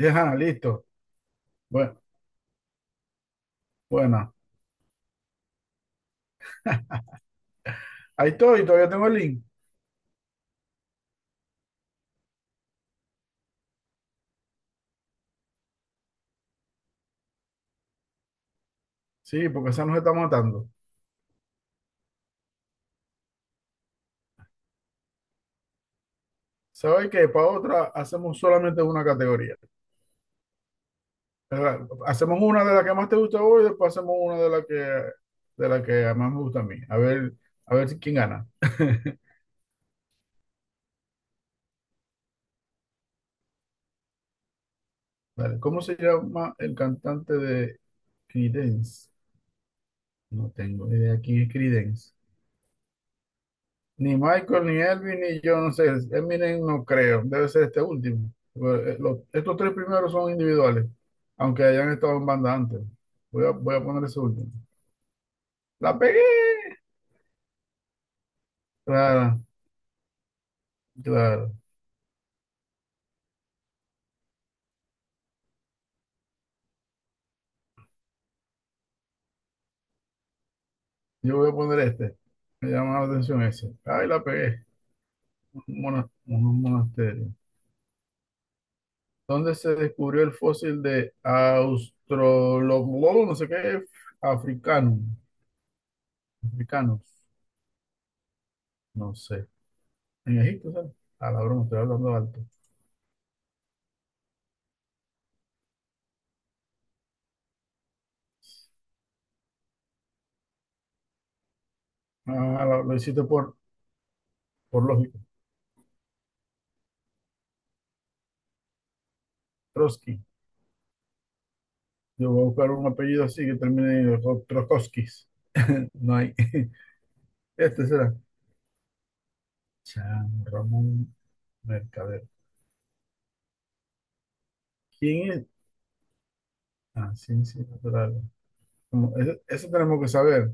Ajá, listo. Bueno, bueno. Ahí estoy, todavía tengo el link. Sí, porque esa nos está matando. ¿Sabes qué? Para otra hacemos solamente una categoría. ¿Verdad? Hacemos una de la que más te gusta a vos y después hacemos una de la que más me gusta a mí. A ver, quién gana. Dale. ¿Cómo se llama el cantante de Creedence? No tengo idea quién es Creedence. Ni Michael, ni Elvin, ni yo, no sé. Eminem no creo. Debe ser este último. Estos tres primeros son individuales, aunque hayan estado en banda antes. Voy a poner ese último. ¡La pegué! Claro, claro. Yo voy a poner este. Me llama la atención ese. ¡Ay, la pegué! Unos monasterios. ¿Dónde se descubrió el fósil de Australopithecus? No sé qué. Africano. Africanos. No sé. En Egipto, ¿sabes? A la broma, estoy hablando alto. Ah, lo hiciste por lógica. Trotsky. Yo voy a buscar un apellido así que termine en Troskowskis. No hay. Este será. Chan Ramón Mercader. ¿Quién es? Ah, ciencia natural. Como, eso tenemos que saber.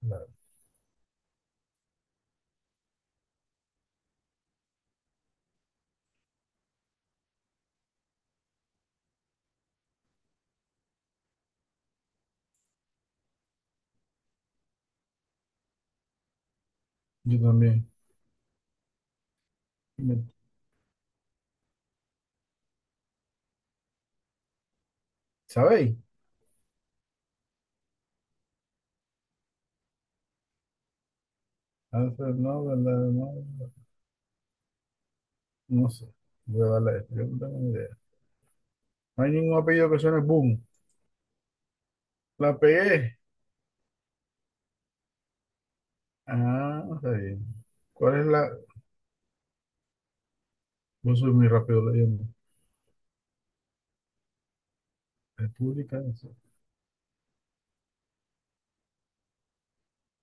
Claro. Yo también. ¿Sabéis? Alfred Nobel, no, no sé. Voy a darle a este. Yo no tengo ni idea. No hay ningún apellido que suene boom. La pegué. Ah, está bien. ¿Cuál es la? Yo soy muy rápido leyendo. República.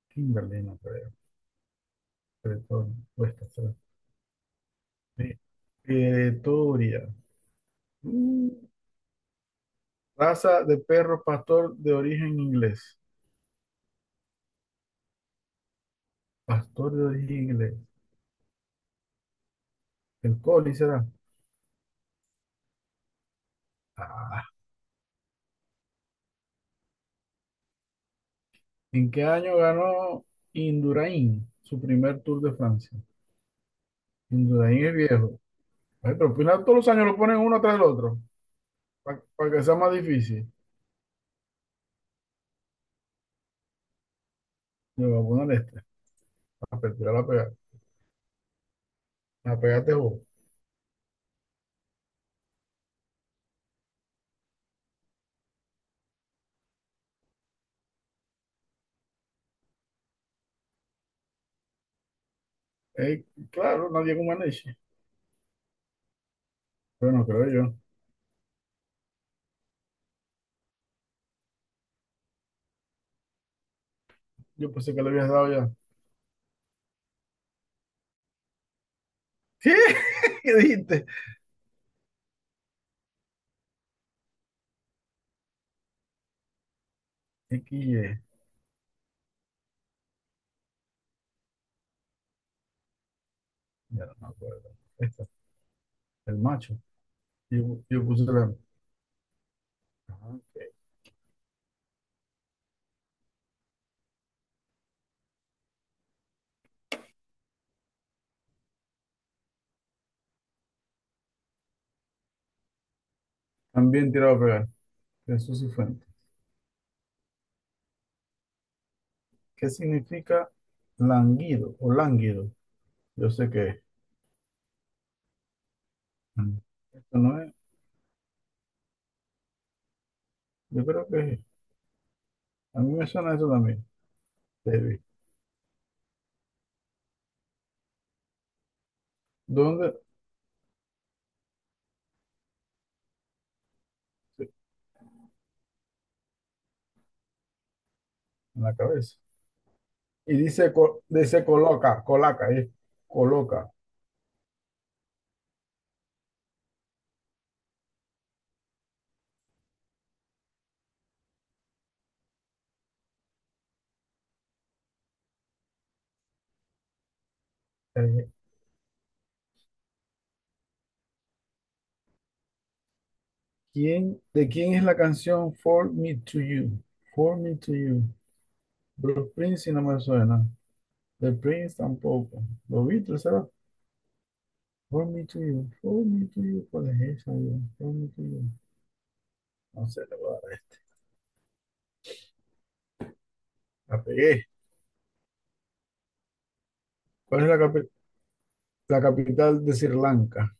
Kimberly, no creo. Bretón, Westeros, sí. Pretoria. Mm, Raza de perro pastor de origen inglés. Pastor de origen inglés. El Collie será. Ah. ¿En qué año ganó Indurain su primer Tour de Francia? Indurain es viejo. Ay, pero al final todos los años lo ponen uno tras el otro para que sea más difícil. Le voy a poner este. A pertirar la pegar. La pegaste vos. Eh, claro, nadie con Maneche. Pero no creo yo. Yo pensé que le habías dado ya. ¿Sí? ¿Qué dijiste? XY. Ya no me acuerdo. Esta, el macho. Yo puse la. Ajá, ok. También tirado a pegar. Jesús y Fuentes. ¿Qué significa languido o lánguido? Yo sé que es. Mm. Esto no es. Yo creo que es. A mí me suena eso también. Débil. ¿Dónde? Sí, en la cabeza. Y dice, dice coloca, colaca, es coloca. Eh, ¿Quién, de quién es la canción For Me to You? For Me to You. Bruce Springsteen si no me suena. The Prince tampoco. Lo Beatles, ¿verdad? For me to you, for me to you, ¿cuál es colegio, for me to you? No sé, le voy a dar. La pegué. ¿Cuál es la, la capital de Sri Lanka?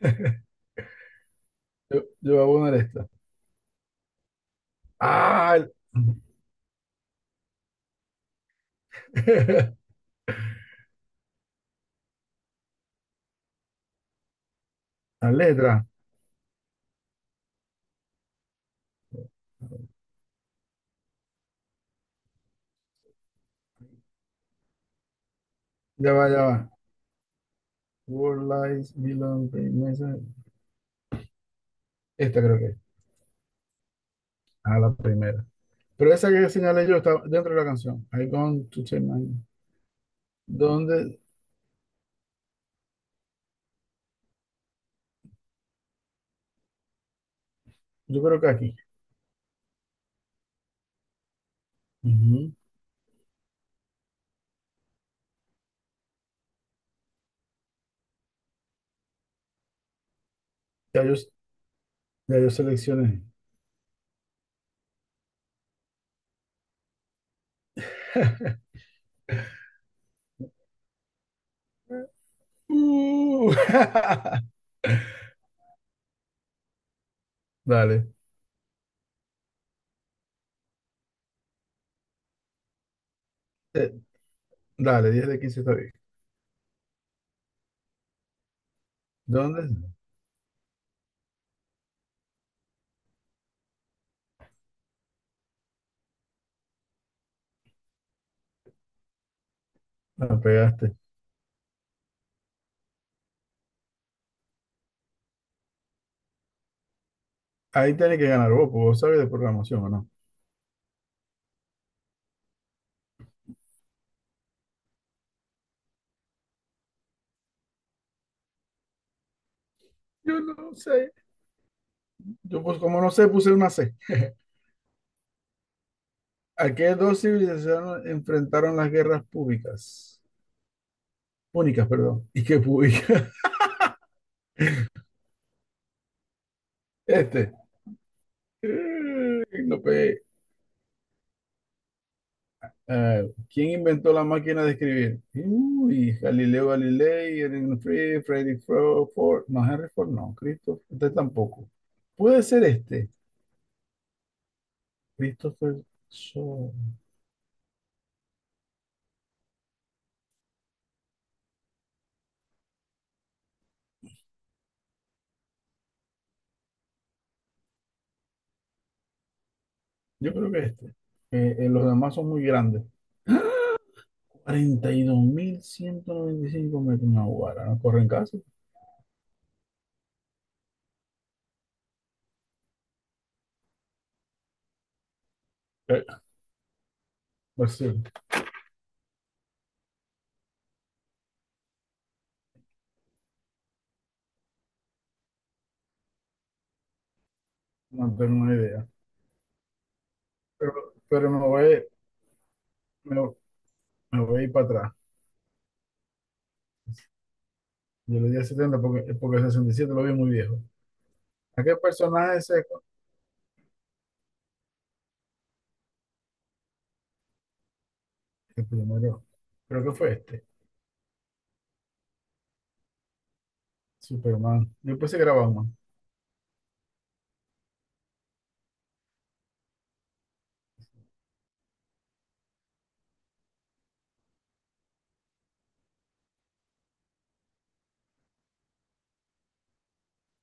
Yo voy a poner esta. ¡Ah! La letra. Ya va, ya va. World Lies Belong to Mesa. Esta creo que es. Ah, la primera. Pero esa que señalé yo está dentro de la canción. I gone to change my... ¿Dónde? Yo creo que aquí. Ujú. Ya yo, ya yo seleccioné. Uh. Dale, eh, dale, 10 de 15 está bien. ¿Dónde? La pegaste. Ahí tiene que ganar vos, porque vos sabes de programación o no. Yo no sé. Yo, pues, como no sé, puse una C. ¿A qué dos civilizaciones enfrentaron las guerras públicas? Púnicas, perdón. ¿Y qué públicas? Este. No pegué. Ah, ¿quién inventó la máquina de escribir? Uy, Galileo Galilei, Erwin Free, Frederick Ford, no, Henry Ford, no, Christopher, este tampoco. Puede ser este, Christopher Sol. Yo creo que este. Los demás son muy grandes. 42.195 metros, no, guara, no corren casi. Eh, pues sí, no tengo una idea. Pero, pero me, me voy a ir para atrás. Yo le di a 70 porque, porque 67 lo vi muy viejo. ¿A qué personaje se? El primero, creo que fue este, Superman. Después se grababa más.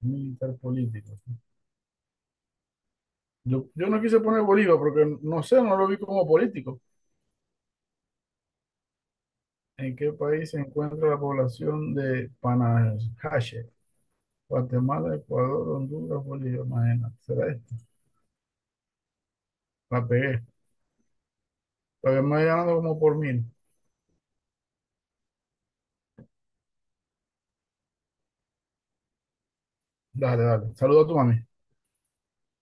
Militar político. Sí. Yo no quise poner Bolívar porque no sé, no lo vi como político. ¿En qué país se encuentra la población de Panajache? Guatemala, Ecuador, Honduras, Bolivia, imagínate. ¿Será este? La pegué. Todavía me voy ganando como por mil. Dale, dale. Saluda a tu mami.